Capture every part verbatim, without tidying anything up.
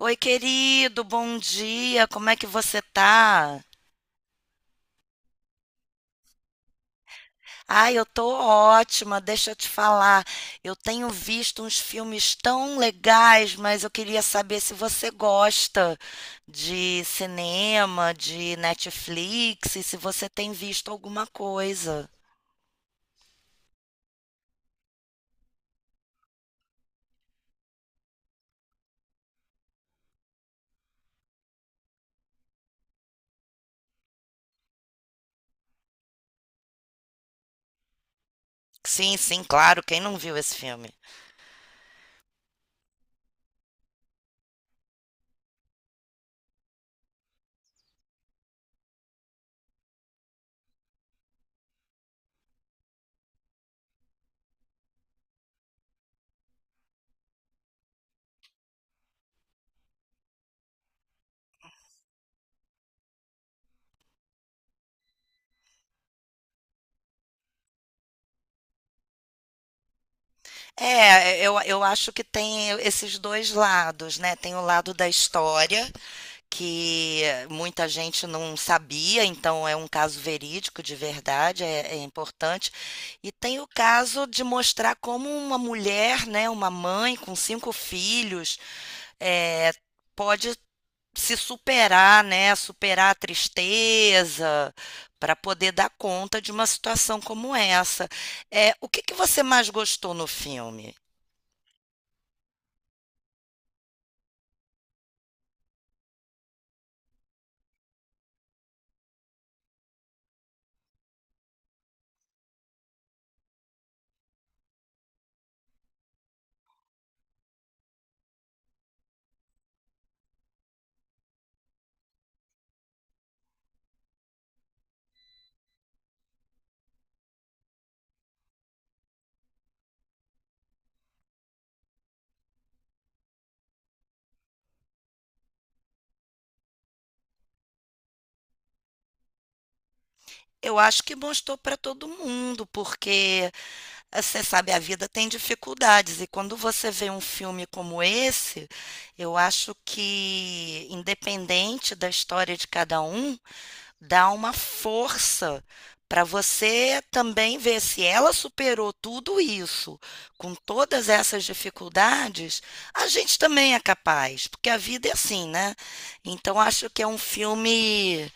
Oi, querido, bom dia. Como é que você tá? Ai, eu tô ótima. Deixa eu te falar. Eu tenho visto uns filmes tão legais, mas eu queria saber se você gosta de cinema, de Netflix, e se você tem visto alguma coisa. Sim, sim, claro. Quem não viu esse filme? É, eu, eu acho que tem esses dois lados, né? Tem o lado da história que muita gente não sabia, então é um caso verídico de verdade, é, é importante. E tem o caso de mostrar como uma mulher, né, uma mãe com cinco filhos, eh, pode se superar, né, superar a tristeza para poder dar conta de uma situação como essa. É o que que você mais gostou no filme? Eu acho que mostrou para todo mundo, porque, eh, você sabe, a vida tem dificuldades e quando você vê um filme como esse, eu acho que, independente da história de cada um, dá uma força para você também ver se ela superou tudo isso, com todas essas dificuldades, a gente também é capaz, porque a vida é assim, né. Então acho que é um filme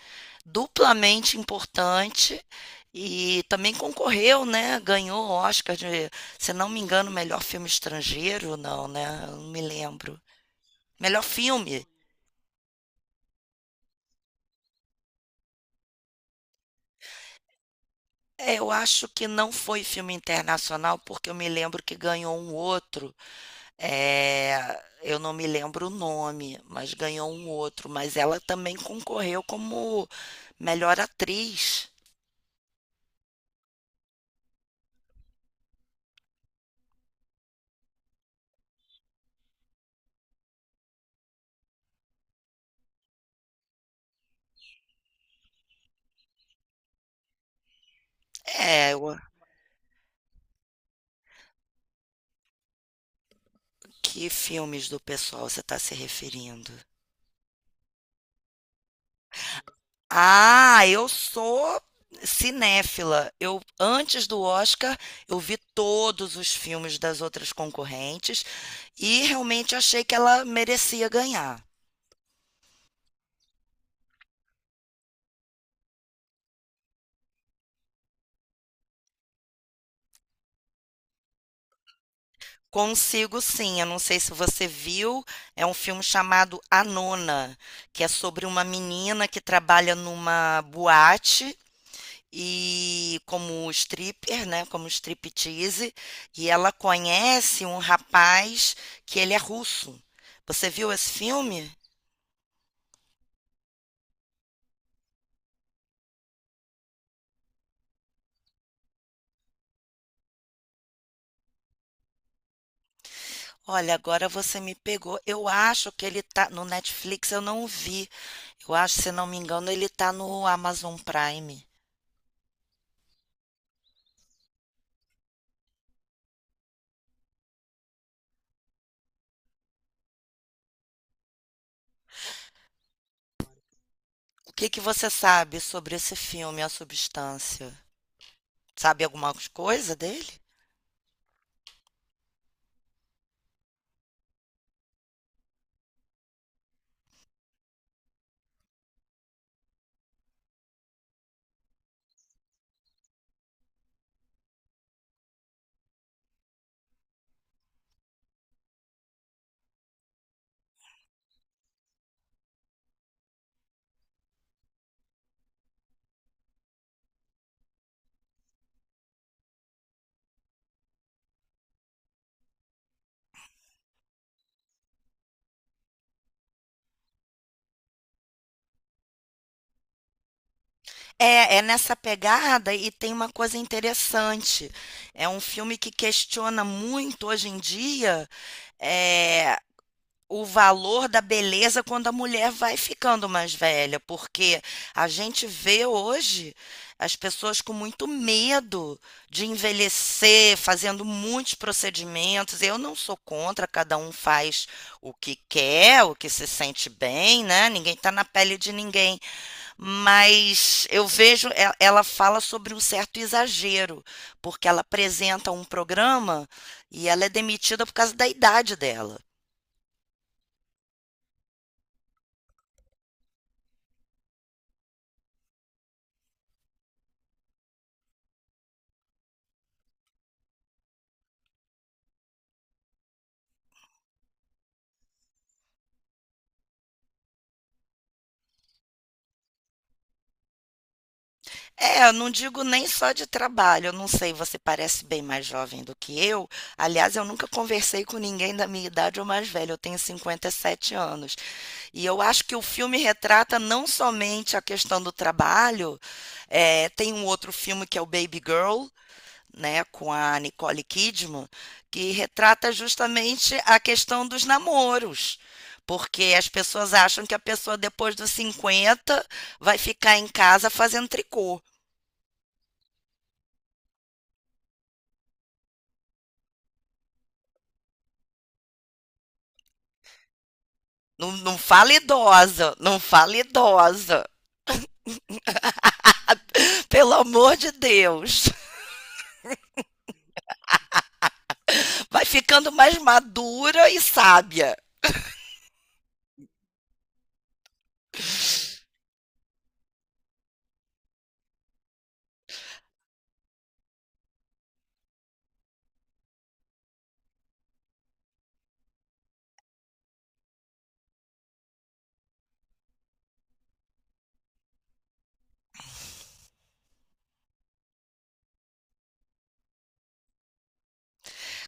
duplamente importante e também concorreu, né? Ganhou o Oscar de, se não me engano, melhor filme estrangeiro, não, né? eu Não me lembro. Melhor filme. É, eu acho que não foi filme internacional, porque eu me lembro que ganhou um outro. É, eu não me lembro o nome, mas ganhou um outro. Mas ela também concorreu como melhor atriz. É, eu- que filmes do pessoal você está se referindo? Ah, eu sou cinéfila. Eu antes do Oscar, eu vi todos os filmes das outras concorrentes e realmente achei que ela merecia ganhar. Consigo sim, eu não sei se você viu, é um filme chamado A Nona, que é sobre uma menina que trabalha numa boate e como stripper, né, como striptease, e ela conhece um rapaz que ele é russo. Você viu esse filme? Olha, agora você me pegou. Eu acho que ele tá no Netflix, eu não vi. Eu acho, se não me engano, ele tá no Amazon Prime. O que que você sabe sobre esse filme, A Substância? Sabe alguma coisa dele? É, é nessa pegada e tem uma coisa interessante. É um filme que questiona muito hoje em dia é, o valor da beleza quando a mulher vai ficando mais velha, porque a gente vê hoje as pessoas com muito medo de envelhecer, fazendo muitos procedimentos. Eu não sou contra, cada um faz o que quer, o que se sente bem, né? Ninguém está na pele de ninguém, mas eu vejo e- ela fala sobre um certo exagero, porque ela apresenta um programa e ela é demitida por causa da idade dela. É, eu não digo nem só de trabalho, eu não sei, você parece bem mais jovem do que eu. Aliás, eu nunca conversei com ninguém da minha idade ou mais velho, eu tenho cinquenta e sete anos. E eu acho que o filme retrata não somente a questão do trabalho, é, tem um outro filme que é o Baby Girl, né, com a Nicole Kidman, que retrata justamente a questão dos namoros. Porque as pessoas acham que a pessoa depois dos cinquenta vai ficar em casa fazendo tricô. Não, não fala idosa, não fala idosa. Pelo amor de Deus. Vai ficando mais madura e sábia.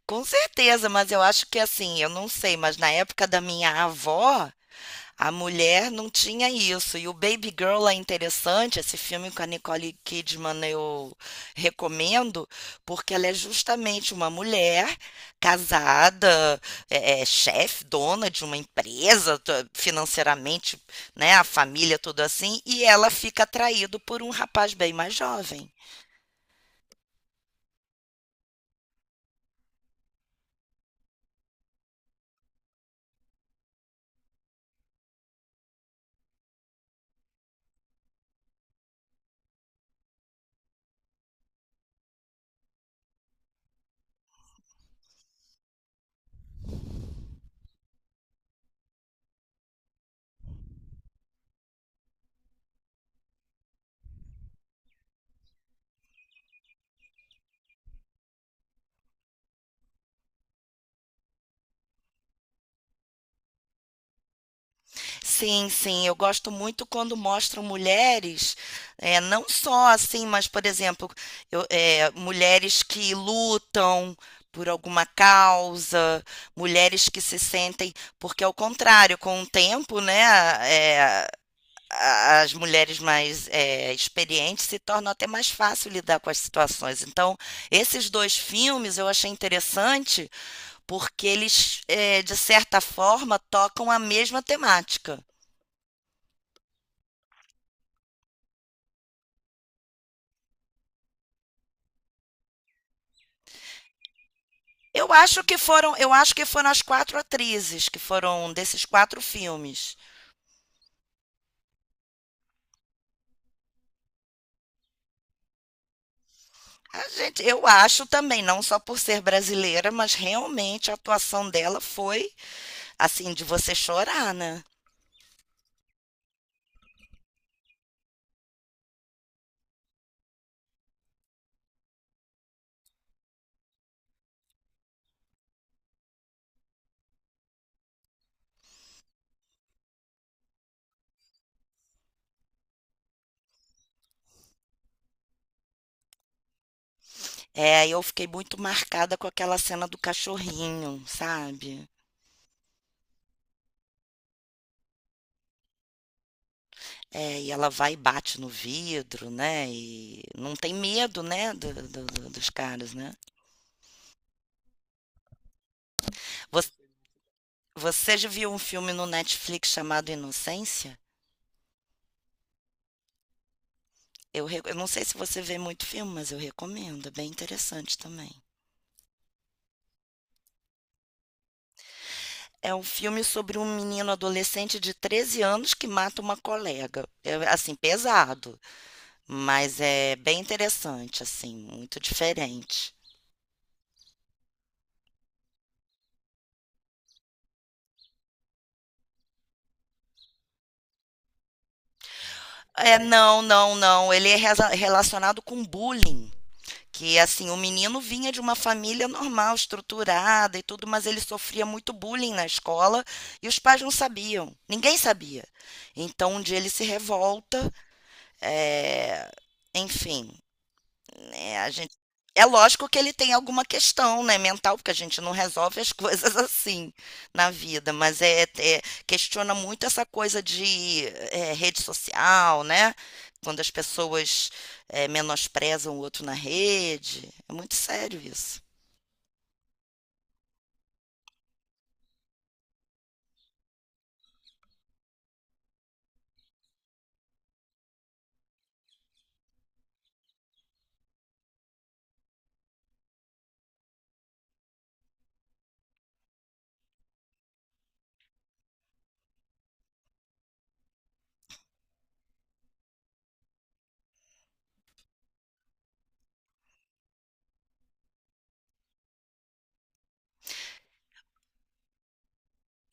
Com certeza, mas eu acho que assim, eu não sei, mas na época da minha avó, a mulher não tinha isso. E o Baby Girl é interessante, esse filme com a Nicole Kidman eu recomendo, porque ela é justamente uma mulher casada, é, é, chefe, dona de uma empresa, t- financeiramente, né, a família, tudo assim, e ela fica atraída por um rapaz bem mais jovem. Sim, sim, eu gosto muito quando mostram mulheres, é, não só assim, mas, por exemplo, eu- é, mulheres que lutam por alguma causa, mulheres que se sentem, porque ao contrário, com o tempo, né, é, a- as mulheres mais é, experientes se tornam até mais fácil lidar com as situações. Então, esses dois filmes eu achei interessante porque eles, é, de certa forma, tocam a mesma temática. Eu acho que foram, eu acho que foram as quatro atrizes que foram desses quatro filmes. A gente, eu acho também, não só por ser brasileira, mas realmente a atuação dela foi assim de você chorar, né? É, eu fiquei muito marcada com aquela cena do cachorrinho, sabe? É, e ela vai e bate no vidro, né? E não tem medo, né, do- do- do- dos caras, né? Você, você já viu um filme no Netflix chamado Inocência? Eu, re- eu não sei se você vê muito filme, mas eu recomendo, é bem interessante também. É um filme sobre um menino adolescente de treze anos que mata uma colega. É, assim, pesado, mas é bem interessante, assim, muito diferente. É, não, não, não. Ele é reza- relacionado com bullying. Que, assim, o menino vinha de uma família normal, estruturada e tudo, mas ele sofria muito bullying na escola e os pais não sabiam. Ninguém sabia. Então, um dia ele se revolta. Eh, enfim, né, a gente é lógico que ele tem alguma questão, né, mental, porque a gente não resolve as coisas assim na vida, mas é é questiona muito essa coisa de, eh, rede social, né, quando as pessoas, eh, menosprezam o outro na rede, é muito sério isso.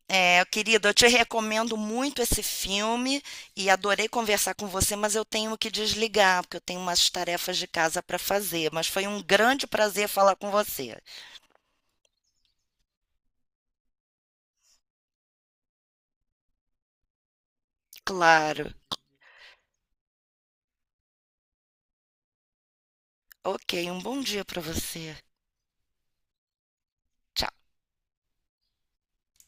É, querido, eu te recomendo muito esse filme e adorei conversar com você, mas eu tenho que desligar, porque eu tenho umas tarefas de casa para fazer. Mas foi um grande prazer falar com você. Claro. Ok, um bom dia para você. Tchau.